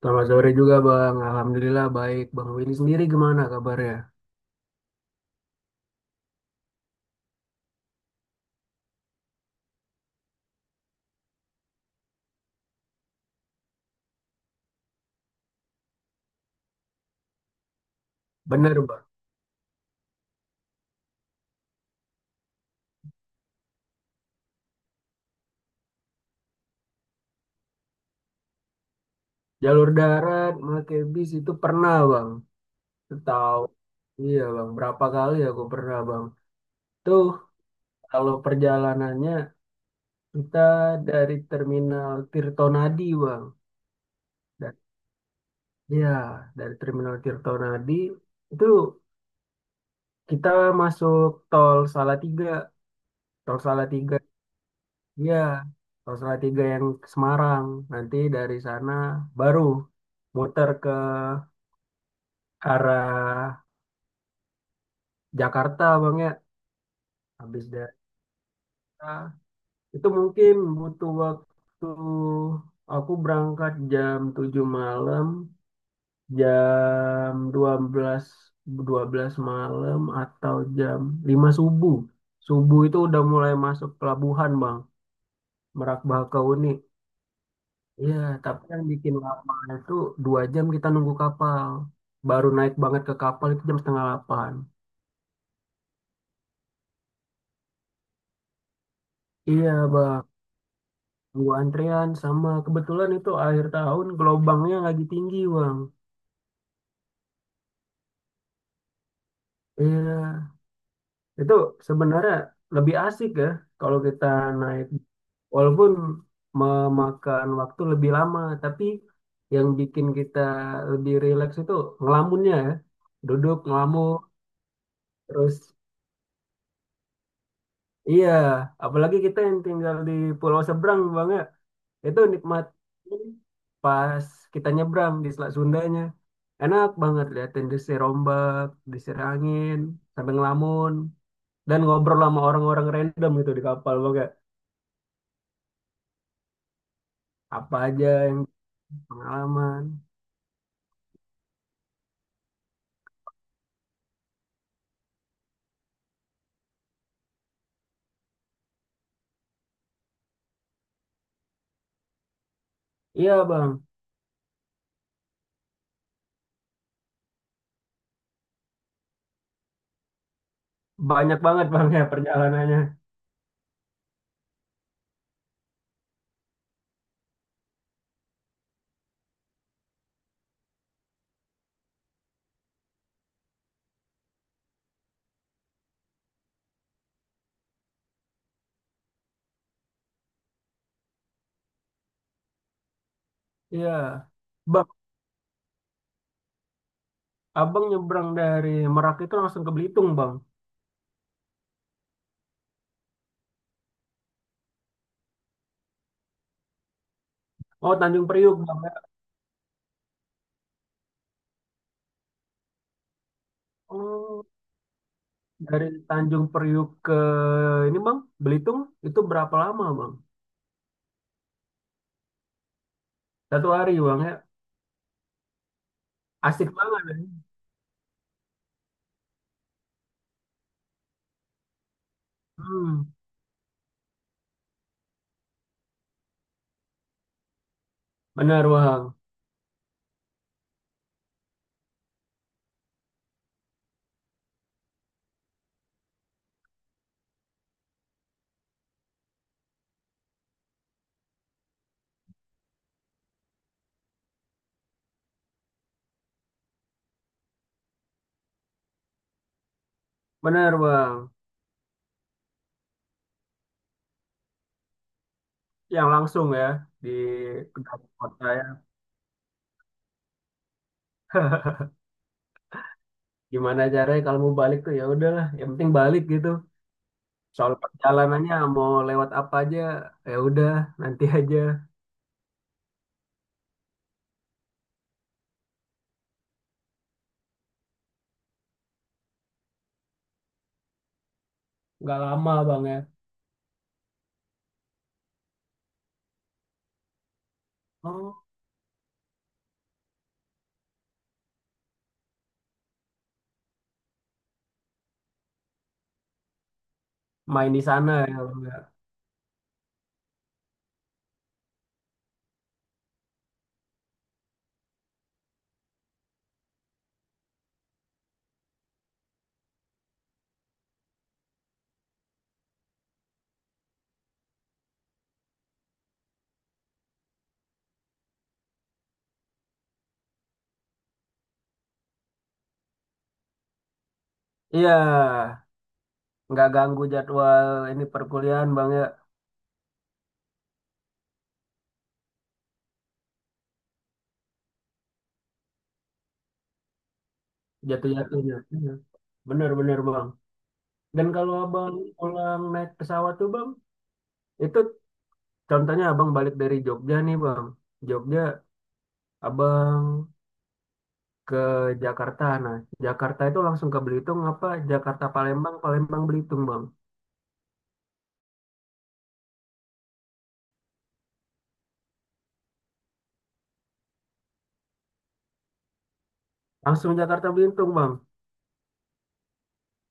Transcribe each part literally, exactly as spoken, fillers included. Selamat sore juga Bang. Alhamdulillah baik. Bang Willy sendiri gimana kabarnya? Benar Bang. Jalur darat, pakai bis itu pernah Bang. Tahu. Iya Bang. Berapa kali aku pernah Bang. Tuh kalau perjalanannya kita dari Terminal Tirtonadi Bang. Dan, ya dari Terminal Tirtonadi itu kita masuk tol Salatiga. Tol Salatiga. Iya, Rosella tiga yang ke Semarang. Nanti dari sana baru muter ke arah Jakarta, Bang ya. Habis dari sana, itu mungkin butuh waktu aku berangkat jam tujuh malam, jam dua belas dua belas malam atau jam lima subuh. Subuh itu udah mulai masuk pelabuhan, Bang. Merak Bakahuni. Iya, tapi yang bikin lama itu dua jam kita nunggu kapal. Baru naik banget ke kapal itu jam setengah delapan. Iya, Bang. Nunggu antrian sama kebetulan itu akhir tahun gelombangnya lagi tinggi, Bang. Iya, itu sebenarnya lebih asik ya kalau kita naik. Walaupun memakan waktu lebih lama, tapi yang bikin kita lebih rileks itu ngelamunnya ya. Duduk ngelamun, terus iya, apalagi kita yang tinggal di pulau seberang Bang ya. Itu nikmat pas kita nyebrang di Selat Sundanya. Enak banget liatin desir ombak, desir angin, sampai ngelamun dan ngobrol sama orang-orang random gitu di kapal Bang ya. Apa aja yang pengalaman. Iya Bang, banyak banget Bang ya perjalanannya. Iya. Bang, Abang nyebrang dari Merak itu langsung ke Belitung Bang. Oh, Tanjung Priuk Bang ya. Oh. Dari Tanjung Priuk ke ini bang, Belitung itu berapa lama bang? Satu hari bang ya, asik banget ya. Hmm, benar bang, benar bang. Yang langsung ya di kedap kota ya. Gimana caranya kalau mau balik tuh ya udahlah, yang penting balik gitu. Soal perjalanannya mau lewat apa aja, ya udah nanti aja. Nggak lama bang ya. Oh, main di sana ya bang ya. Iya, nggak ganggu jadwal ini perkuliahan bang ya. Jatuh-jatuhnya. Iya. Benar-benar Bang. Dan kalau Abang pulang naik pesawat tuh Bang, itu contohnya Abang balik dari Jogja nih Bang. Jogja, Abang ke Jakarta. Nah, Jakarta itu langsung ke Belitung apa Jakarta Palembang, Palembang Belitung Bang. Langsung Jakarta Belitung Bang.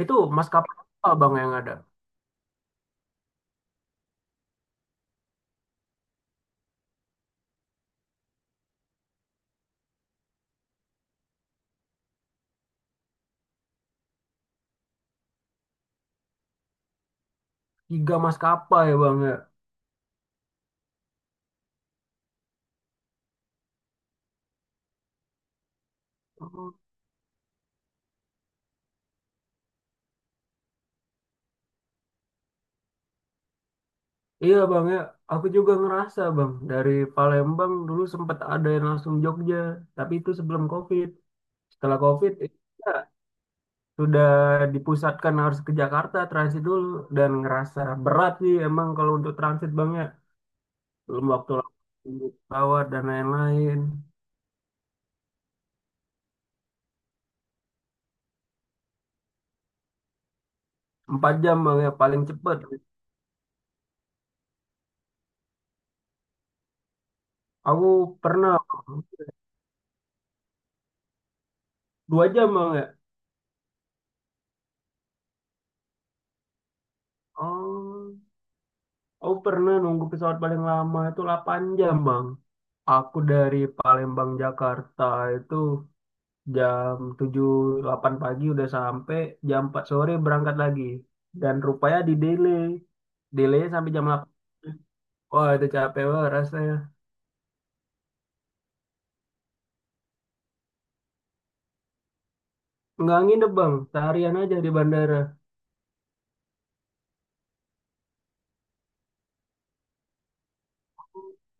Itu maskapai apa Bang yang ada? Tiga maskapai ya Bang ya. Oh. Iya Bang ya, aku juga ngerasa Bang. Dari Palembang dulu sempat ada yang langsung Jogja, tapi itu sebelum COVID. Setelah COVID, ya, sudah dipusatkan harus ke Jakarta transit dulu dan ngerasa berat sih emang kalau untuk transit bang ya belum waktu lama tunggu pesawat dan lain-lain. Empat jam bang ya paling cepet. Aku pernah dua jam bang ya. Oh, aku pernah nunggu pesawat paling lama itu delapan jam bang. Aku dari Palembang Jakarta itu jam tujuh delapan pagi udah sampai, jam empat sore berangkat lagi dan rupanya di delay. Delaynya sampai jam delapan. Wah itu capek banget rasanya. Nggak nginep bang seharian aja di bandara.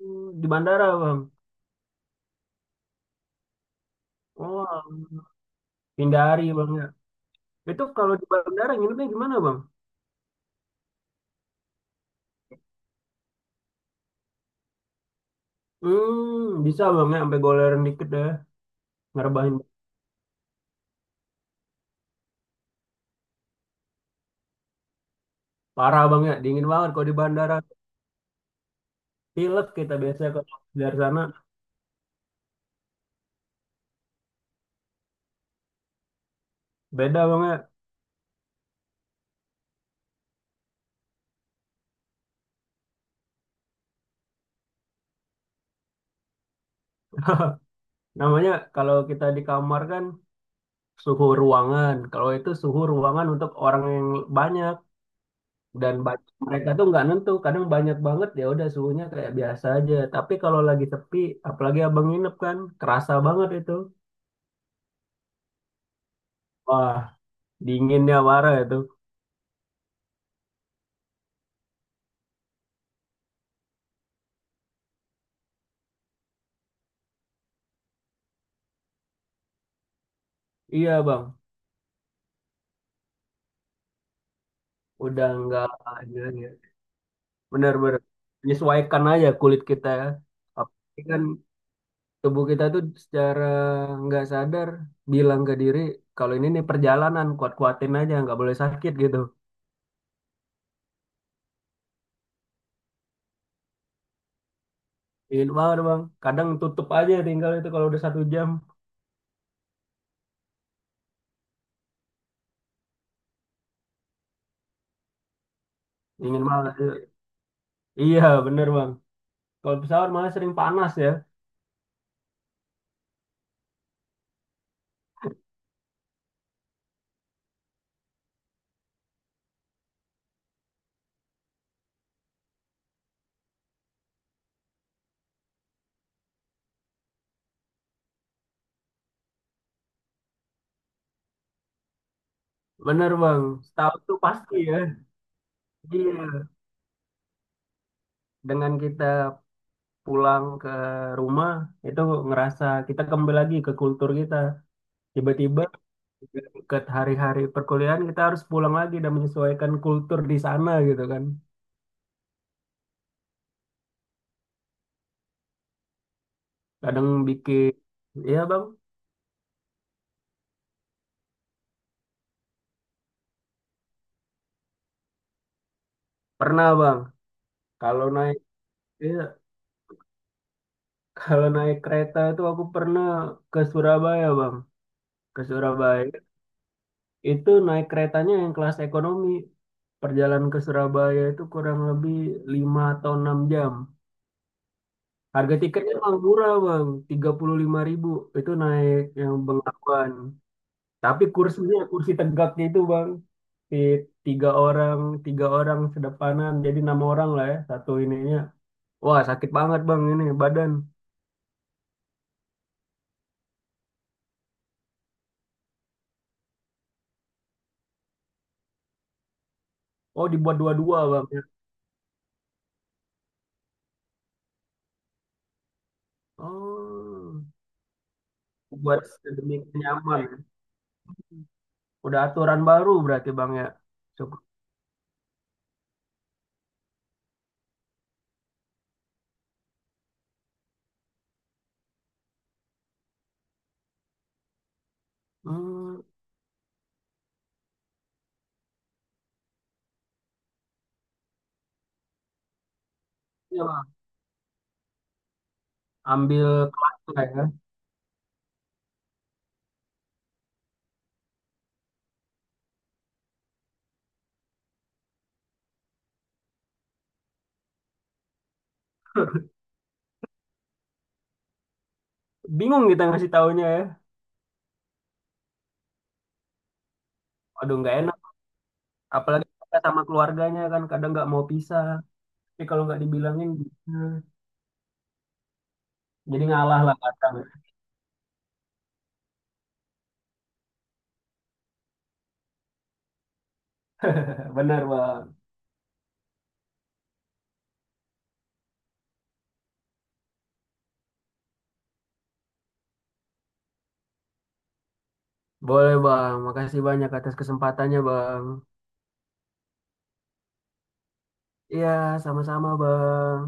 Oh, di bandara bang. Wah, hindari bang ya. Itu kalau di bandara nginepnya gimana bang? Hmm, bisa bang ya sampai goleran dikit deh. Ngerebahin. Parah bang ya dingin banget kalau di bandara. Pilek kita biasanya kalau dari sana beda bang ya. Namanya kalau kita di kamar kan suhu ruangan. Kalau itu suhu ruangan untuk orang yang banyak dan banyak, mereka tuh nggak nentu. Kadang banyak banget ya udah suhunya kayak biasa aja. Tapi kalau lagi sepi, apalagi abang nginep kan, kerasa banget itu. Wah, dinginnya parah itu. Iya bang, udah nggak aja ya. Benar-benar menyesuaikan aja kulit kita ya. Apalagi kan tubuh kita tuh secara nggak sadar bilang ke diri kalau ini nih perjalanan kuat-kuatin aja nggak boleh sakit gitu. Ingin banget bang. Kadang tutup aja tinggal itu kalau udah satu jam. Ingin banget. Iya bener bang. Kalau pesawat malah sering panas ya. Bener bang. Setahu tuh pasti ya. Iya. Dengan kita pulang ke rumah itu ngerasa kita kembali lagi ke kultur kita. Tiba-tiba ke hari-hari perkuliahan kita harus pulang lagi dan menyesuaikan kultur di sana gitu kan. Kadang bikin. Iya bang. Pernah bang. Kalau naik. Iya. Kalau naik kereta itu aku pernah ke Surabaya, Bang. Ke Surabaya. Itu naik keretanya yang kelas ekonomi. Perjalanan ke Surabaya itu kurang lebih lima atau enam jam. Harga tiketnya emang murah, Bang. Tiga puluh lima ribu. Itu naik yang Bengawan. Tapi kursinya, kursi tegaknya itu, Bang. Di tiga orang, tiga orang sedepanan. Jadi enam orang lah ya, satu ininya. Wah, sakit banget, Bang, ini badan. Oh, dibuat dua-dua, Bang, ya. Oh. Buat sedemikian nyaman. Udah aturan baru berarti Bang ya. Cukup. Hmm, iya Bang. Ambil kelas lah ya. Bingung kita ngasih taunya ya. Aduh nggak enak. Apalagi kita sama keluarganya kan kadang nggak mau pisah. Tapi kalau nggak dibilangin, hmm, jadi ngalah lah kadang. Benar Bang. Boleh Bang. Makasih banyak atas kesempatannya Bang. Iya, sama-sama Bang.